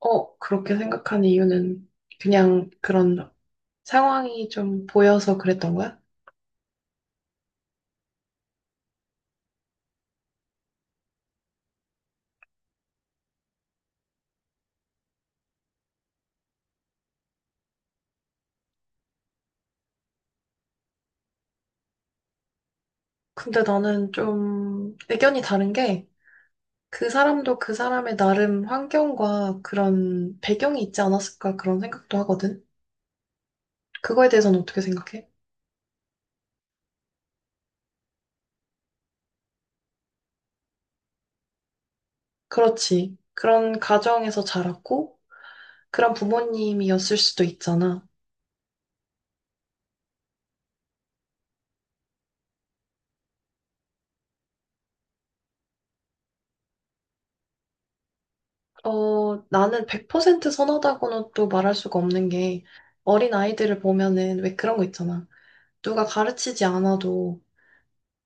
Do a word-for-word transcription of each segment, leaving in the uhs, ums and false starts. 어, 그렇게 생각한 이유는 그냥 그런 상황이 좀 보여서 그랬던 거야? 근데 나는 좀 의견이 다른 게, 그 사람도 그 사람의 나름 환경과 그런 배경이 있지 않았을까 그런 생각도 하거든. 그거에 대해서는 어떻게 생각해? 그렇지. 그런 가정에서 자랐고 그런 부모님이었을 수도 있잖아. 어, 나는 백 퍼센트 선하다고는 또 말할 수가 없는 게, 어린 아이들을 보면은 왜 그런 거 있잖아. 누가 가르치지 않아도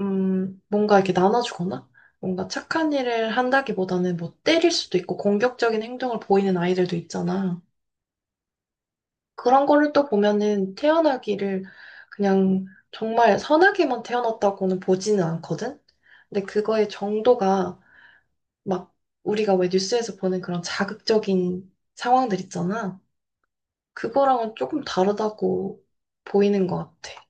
음, 뭔가 이렇게 나눠주거나, 뭔가 착한 일을 한다기보다는 뭐 때릴 수도 있고 공격적인 행동을 보이는 아이들도 있잖아. 그런 거를 또 보면은 태어나기를 그냥 정말 선하게만 태어났다고는 보지는 않거든? 근데 그거의 정도가 막 우리가 왜 뉴스에서 보는 그런 자극적인 상황들 있잖아. 그거랑은 조금 다르다고 보이는 것 같아.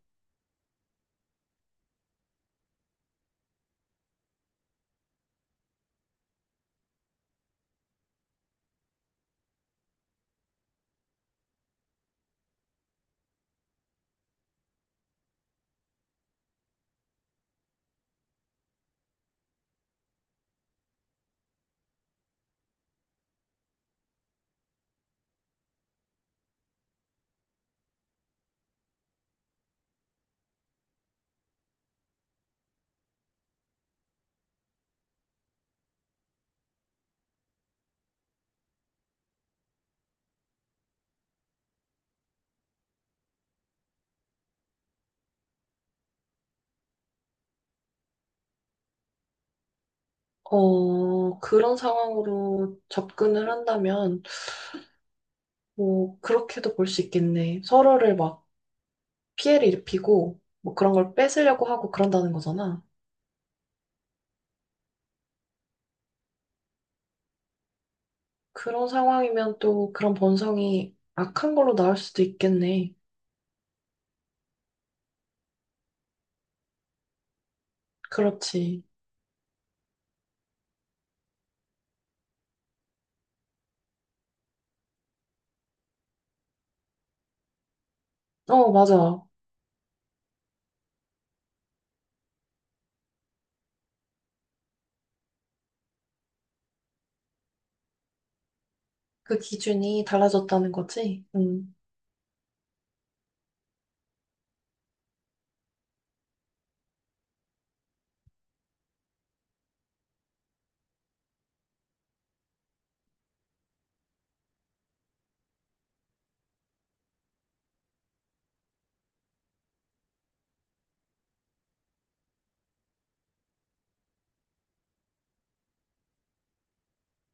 어, 그런 상황으로 접근을 한다면 뭐, 그렇게도 볼 수 있겠네. 서로를 막 피해를 입히고, 뭐 그런 걸 뺏으려고 하고 그런다는 거잖아. 그런 상황이면 또 그런 본성이 악한 걸로 나올 수도 있겠네. 그렇지. 어, 맞아. 그 기준이 달라졌다는 거지. 음.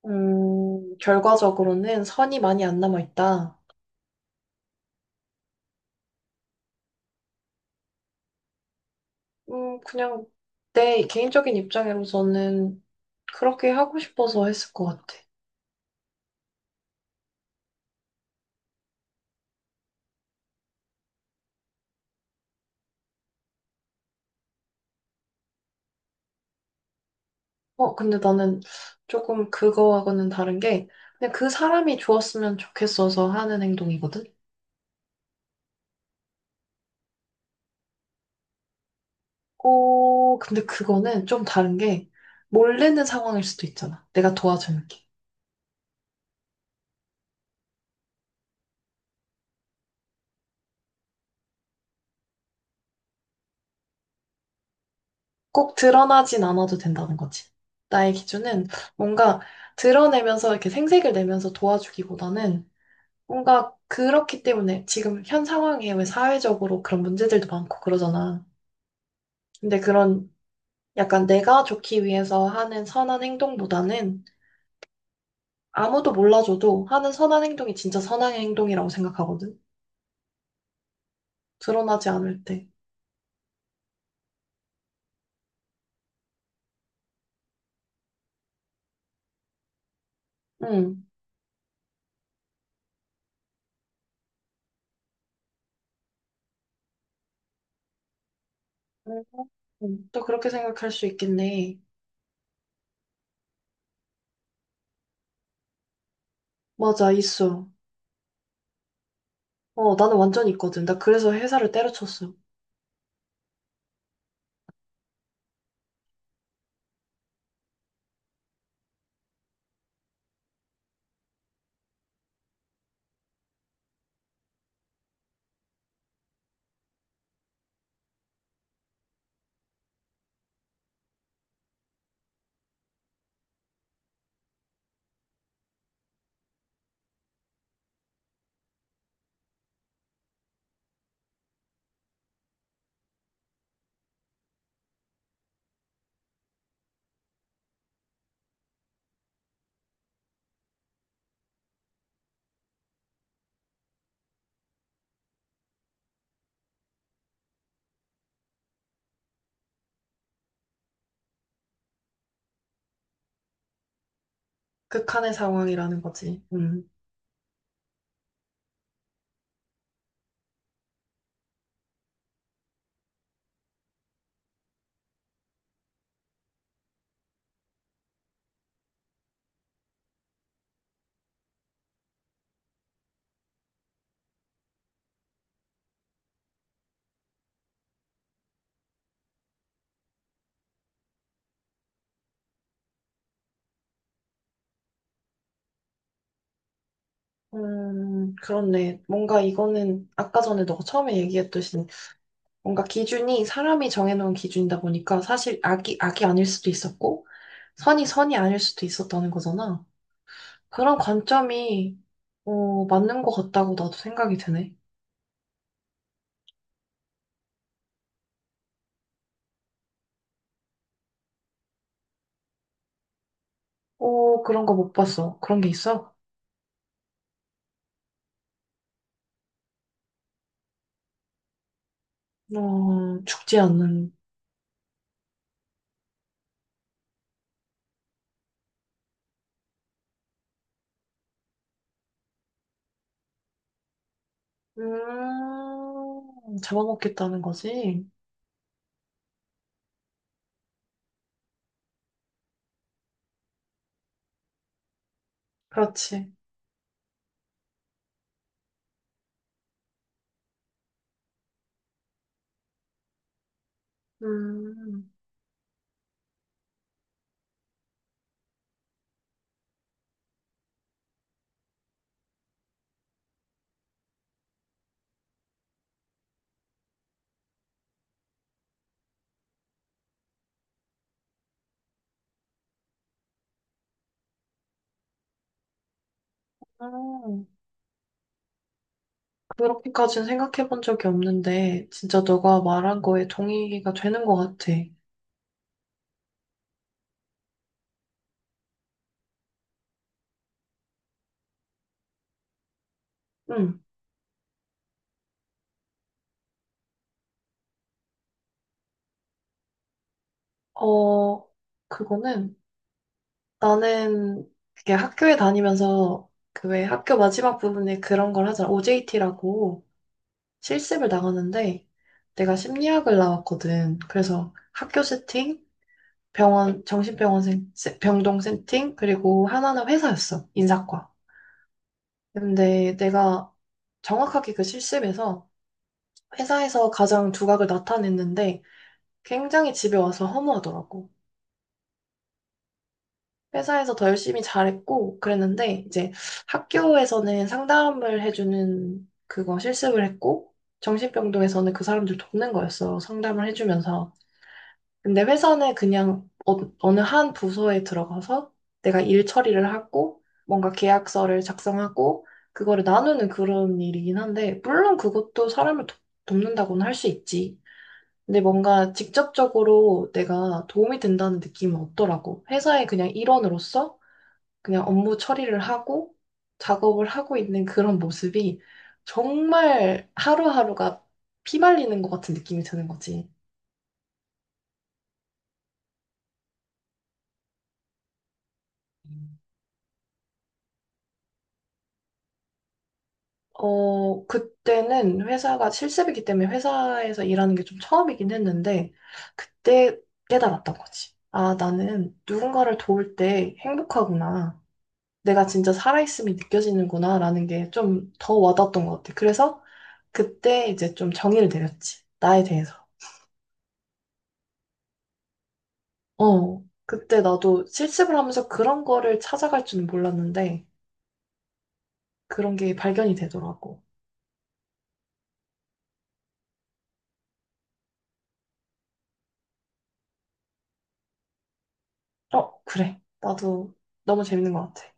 음, 결과적으로는 선이 많이 안 남아있다. 음, 그냥 내 개인적인 입장으로서는 그렇게 하고 싶어서 했을 것 같아. 어, 근데 나는 조금 그거하고는 다른 게, 그냥 그 사람이 좋았으면 좋겠어서 하는 행동이거든? 어, 근데 그거는 좀 다른 게, 몰래는 상황일 수도 있잖아. 내가 도와줄게. 꼭 드러나진 않아도 된다는 거지. 나의 기준은 뭔가 드러내면서 이렇게 생색을 내면서 도와주기보다는, 뭔가 그렇기 때문에 지금 현 상황에 왜 사회적으로 그런 문제들도 많고 그러잖아. 근데 그런, 약간 내가 좋기 위해서 하는 선한 행동보다는 아무도 몰라줘도 하는 선한 행동이 진짜 선한 행동이라고 생각하거든. 드러나지 않을 때. 응. 음, 음. 또 그렇게 생각할 수 있겠네. 맞아, 있어. 어, 나는 완전히 있거든. 나 그래서 회사를 때려쳤어. 극한의 상황이라는 거지. 음. 음, 그렇네. 뭔가 이거는 아까 전에 너가 처음에 얘기했듯이 뭔가 기준이 사람이 정해놓은 기준이다 보니까 사실 악이 악이 아닐 수도 있었고 선이 선이 아닐 수도 있었다는 거잖아. 그런 관점이 어, 맞는 것 같다고 나도 생각이 드네. 오, 그런 거 못 봤어. 그런 게 있어? 어, 죽지 않는. 음, 잡아먹겠다는 거지. 그렇지. 음. 음, 그렇게까지는 생각해 본 적이 없는데, 진짜 너가 말한 거에 동의가 되는 것 같아. 음, 어, 그거는, 나는 그게 학교에 다니면서 그 왜 학교 마지막 부분에 그런 걸 하잖아. 오제이티라고. 실습을 나갔는데 내가 심리학을 나왔거든. 그래서 학교 세팅, 병원, 정신병원 세- 세- 병동 세팅, 그리고 하나는 회사였어. 인사과. 근데 내가 정확하게 그 실습에서 회사에서 가장 두각을 나타냈는데 굉장히 집에 와서 허무하더라고. 회사에서 더 열심히 잘했고 그랬는데, 이제 학교에서는 상담을 해주는 그거 실습을 했고 정신병동에서는 그 사람들 돕는 거였어. 상담을 해주면서. 근데 회사는 그냥 어, 어느 한 부서에 들어가서 내가 일 처리를 하고 뭔가 계약서를 작성하고 그거를 나누는 그런 일이긴 한데, 물론 그것도 사람을 돕, 돕는다고는 할 수 있지. 근데 뭔가 직접적으로 내가 도움이 된다는 느낌은 없더라고. 회사의 그냥 일원으로서 그냥 업무 처리를 하고 작업을 하고 있는 그런 모습이 정말 하루하루가 피말리는 것 같은 느낌이 드는 거지. 어, 그때는 회사가 실습이기 때문에 회사에서 일하는 게 좀 처음이긴 했는데, 그때 깨달았던 거지. 아, 나는 누군가를 도울 때 행복하구나. 내가 진짜 살아있음이 느껴지는구나, 라는 게 좀 더 와닿았던 것 같아. 그래서 그때 이제 좀 정의를 내렸지. 나에 대해서. 어, 그때 나도 실습을 하면서 그런 거를 찾아갈 줄은 몰랐는데, 그런 게 발견이 되더라고. 어, 그래. 나도 너무 재밌는 것 같아.